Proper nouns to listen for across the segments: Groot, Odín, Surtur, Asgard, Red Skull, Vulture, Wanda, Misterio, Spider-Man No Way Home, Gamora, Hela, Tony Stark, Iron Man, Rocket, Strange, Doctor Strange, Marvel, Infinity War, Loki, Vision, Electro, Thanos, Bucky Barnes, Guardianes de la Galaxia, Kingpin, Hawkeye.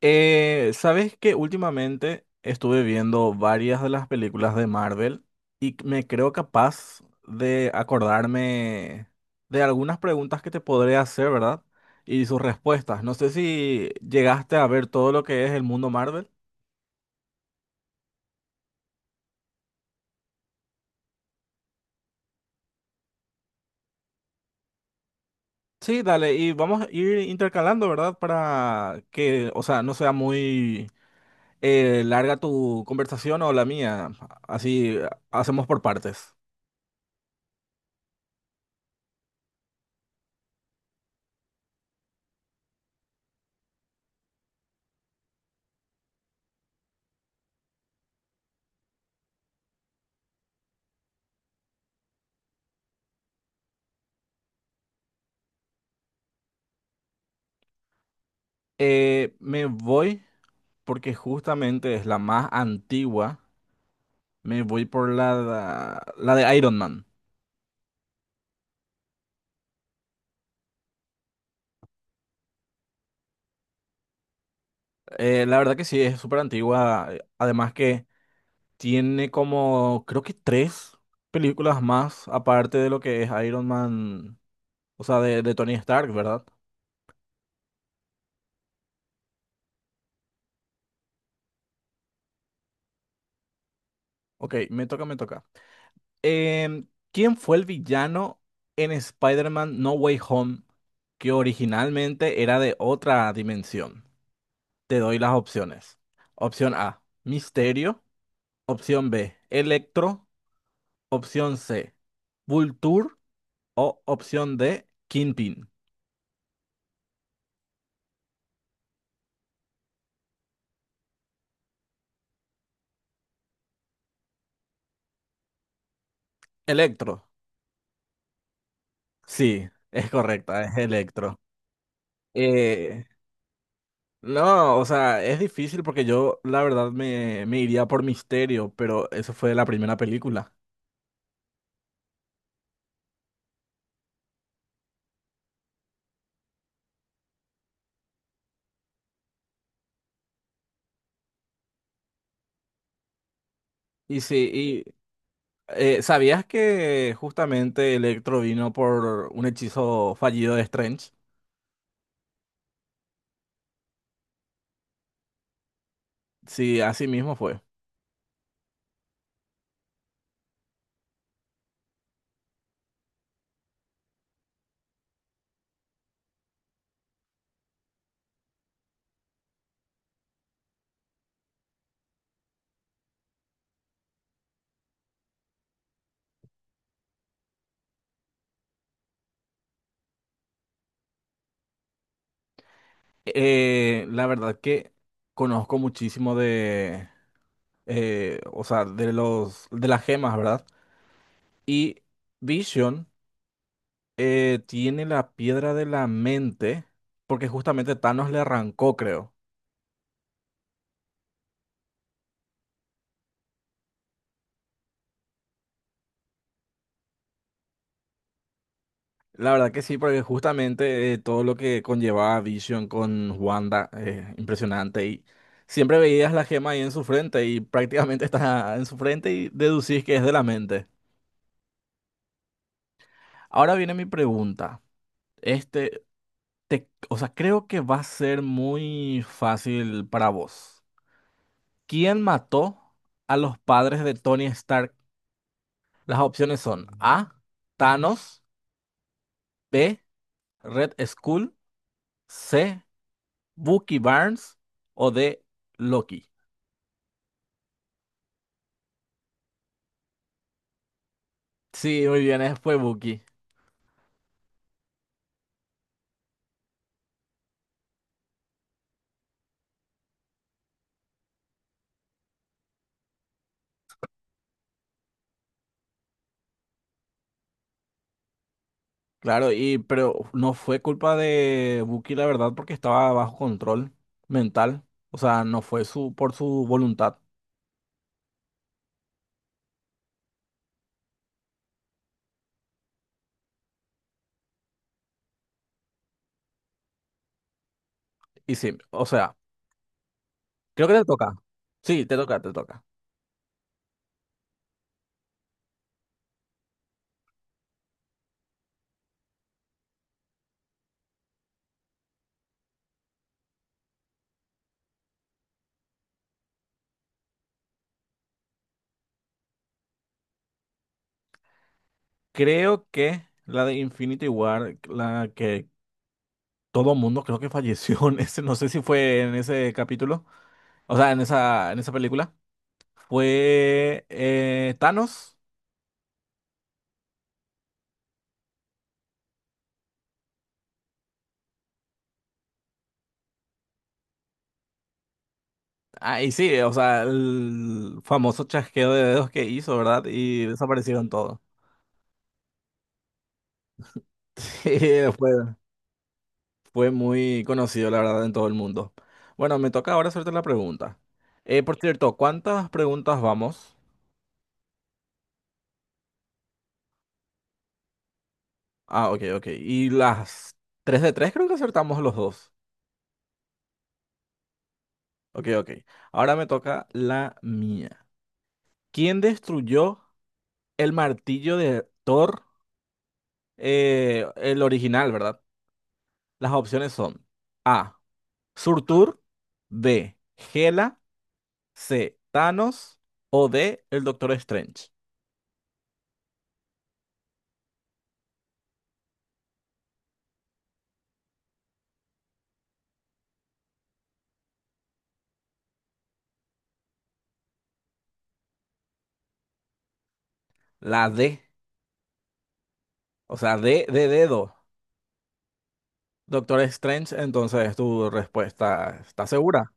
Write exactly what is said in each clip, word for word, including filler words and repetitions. Eh, ¿sabes que últimamente estuve viendo varias de las películas de Marvel y me creo capaz de acordarme de algunas preguntas que te podré hacer, verdad? Y sus respuestas. No sé si llegaste a ver todo lo que es el mundo Marvel. Sí, dale, y vamos a ir intercalando, ¿verdad? Para que, o sea, no sea muy eh, larga tu conversación o la mía. Así hacemos por partes. Eh, me voy porque justamente es la más antigua. Me voy por la, la de Iron Man. Eh, la verdad que sí, es súper antigua. eh, Además que tiene como, creo que tres películas más, aparte de lo que es Iron Man, o sea, de, de Tony Stark, ¿verdad? Ok, me toca, me toca. Em, ¿Quién fue el villano en Spider-Man No Way Home que originalmente era de otra dimensión? Te doy las opciones. Opción A, Misterio. Opción B, Electro. Opción C, Vulture. O opción D, Kingpin. Electro. Sí, es correcta, es Electro. Eh, no, o sea, es difícil porque yo la verdad me, me iría por Misterio, pero eso fue la primera película. Y sí, y eh, ¿sabías que justamente Electro vino por un hechizo fallido de Strange? Sí, así mismo fue. Eh, la verdad que conozco muchísimo de eh, o sea, de los, de las gemas, ¿verdad? Y Vision eh, tiene la piedra de la mente, porque justamente Thanos le arrancó, creo. La verdad que sí, porque justamente eh, todo lo que conllevaba Vision con Wanda, eh, impresionante. Y siempre veías la gema ahí en su frente y prácticamente está en su frente y deducís que es de la mente. Ahora viene mi pregunta. Este, te, o sea, creo que va a ser muy fácil para vos. ¿Quién mató a los padres de Tony Stark? Las opciones son A. Thanos, B. Red Skull, C. Bucky Barnes o D. Loki. Sí, muy bien, eh, fue Bucky. Claro, y pero no fue culpa de Bucky, la verdad, porque estaba bajo control mental. O sea, no fue su por su voluntad. Y sí, o sea, creo que te toca. Sí, te toca, te toca. Creo que la de Infinity War, la que todo mundo creo que falleció en ese, no sé si fue en ese capítulo, o sea, en esa, en esa película. Fue eh, Thanos. Ah, y sí, o sea, el famoso chasqueo de dedos que hizo, ¿verdad? Y desaparecieron todos. Sí, fue, fue muy conocido, la verdad, en todo el mundo. Bueno, me toca ahora hacerte la pregunta. Eh, por cierto, ¿cuántas preguntas vamos? Ah, ok, ok. Y las tres de tres creo que acertamos los dos. Ok, ok. Ahora me toca la mía. ¿Quién destruyó el martillo de Thor, eh, el original, verdad? Las opciones son A. Surtur, B. Hela, C. Thanos o D. El Doctor Strange. La D, o sea, D de dedo. Doctor Strange, entonces tu respuesta, ¿está segura?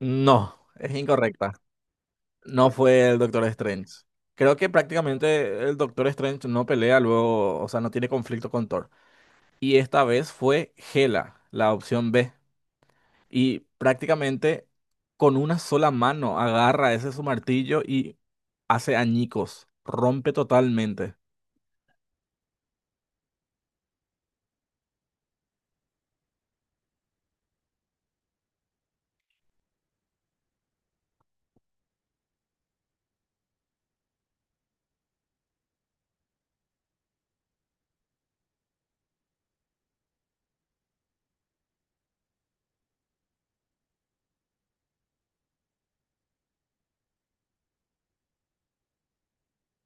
No, es incorrecta. No fue el Doctor Strange. Creo que prácticamente el Doctor Strange no pelea luego, o sea, no tiene conflicto con Thor. Y esta vez fue Gela, la opción B. Y prácticamente con una sola mano agarra ese su martillo y hace añicos, rompe totalmente.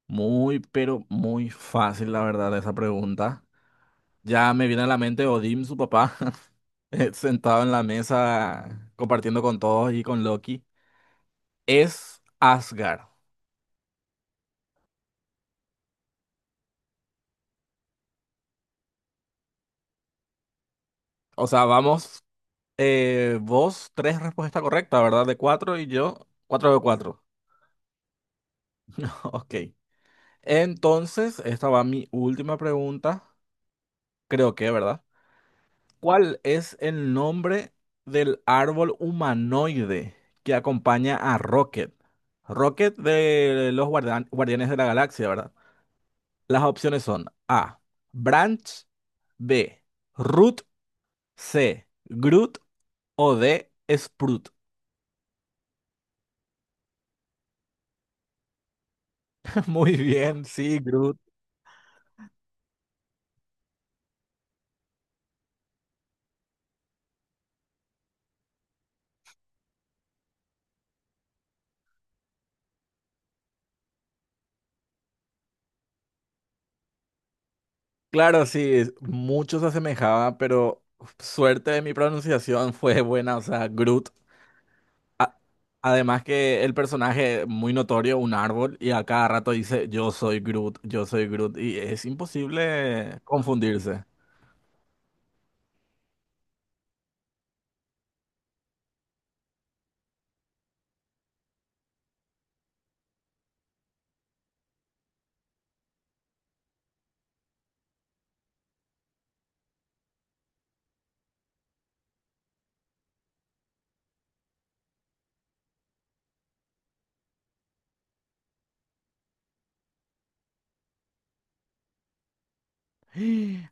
Muy, pero muy fácil, la verdad, esa pregunta. Ya me viene a la mente Odín, su papá, eh, sentado en la mesa compartiendo con todos y con Loki. Es Asgard. O sea, vamos, eh, vos tres respuestas correctas, ¿verdad? De cuatro y yo cuatro de cuatro. Ok. Entonces, esta va mi última pregunta, creo que, ¿verdad? ¿Cuál es el nombre del árbol humanoide que acompaña a Rocket? Rocket de los guardian- Guardianes de la Galaxia, ¿verdad? Las opciones son A, Branch, B, Root, C, Groot o D, Sprout. Muy bien, sí, Groot. Claro, sí, es- mucho se asemejaba, pero suerte de mi pronunciación fue buena, o sea, Groot. A- Además que el personaje muy notorio, un árbol, y a cada rato dice, yo soy Groot, yo soy Groot, y es imposible confundirse.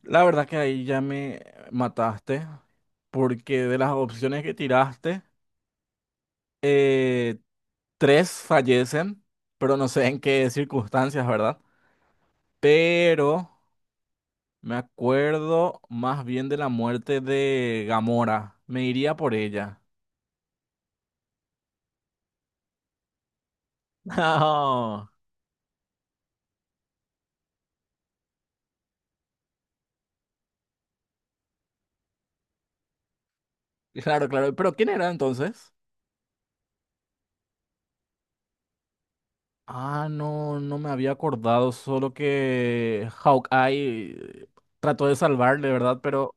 La verdad que ahí ya me mataste, porque de las opciones que tiraste, eh, tres fallecen, pero no sé en qué circunstancias, ¿verdad? Pero me acuerdo más bien de la muerte de Gamora, me iría por ella. No, claro, claro, pero ¿quién era entonces? Ah, no, no me había acordado, solo que Hawkeye trató de salvarle, ¿verdad? Pero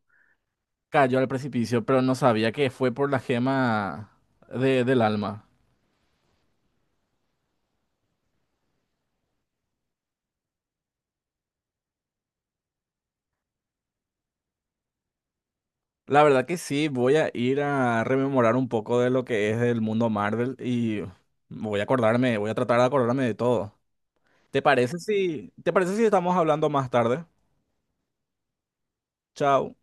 cayó al precipicio, pero no sabía que fue por la gema de- del alma. La verdad que sí, voy a ir a rememorar un poco de lo que es el mundo Marvel y voy a acordarme, voy a tratar de acordarme de todo. ¿Te parece si, te parece si estamos hablando más tarde? Chao.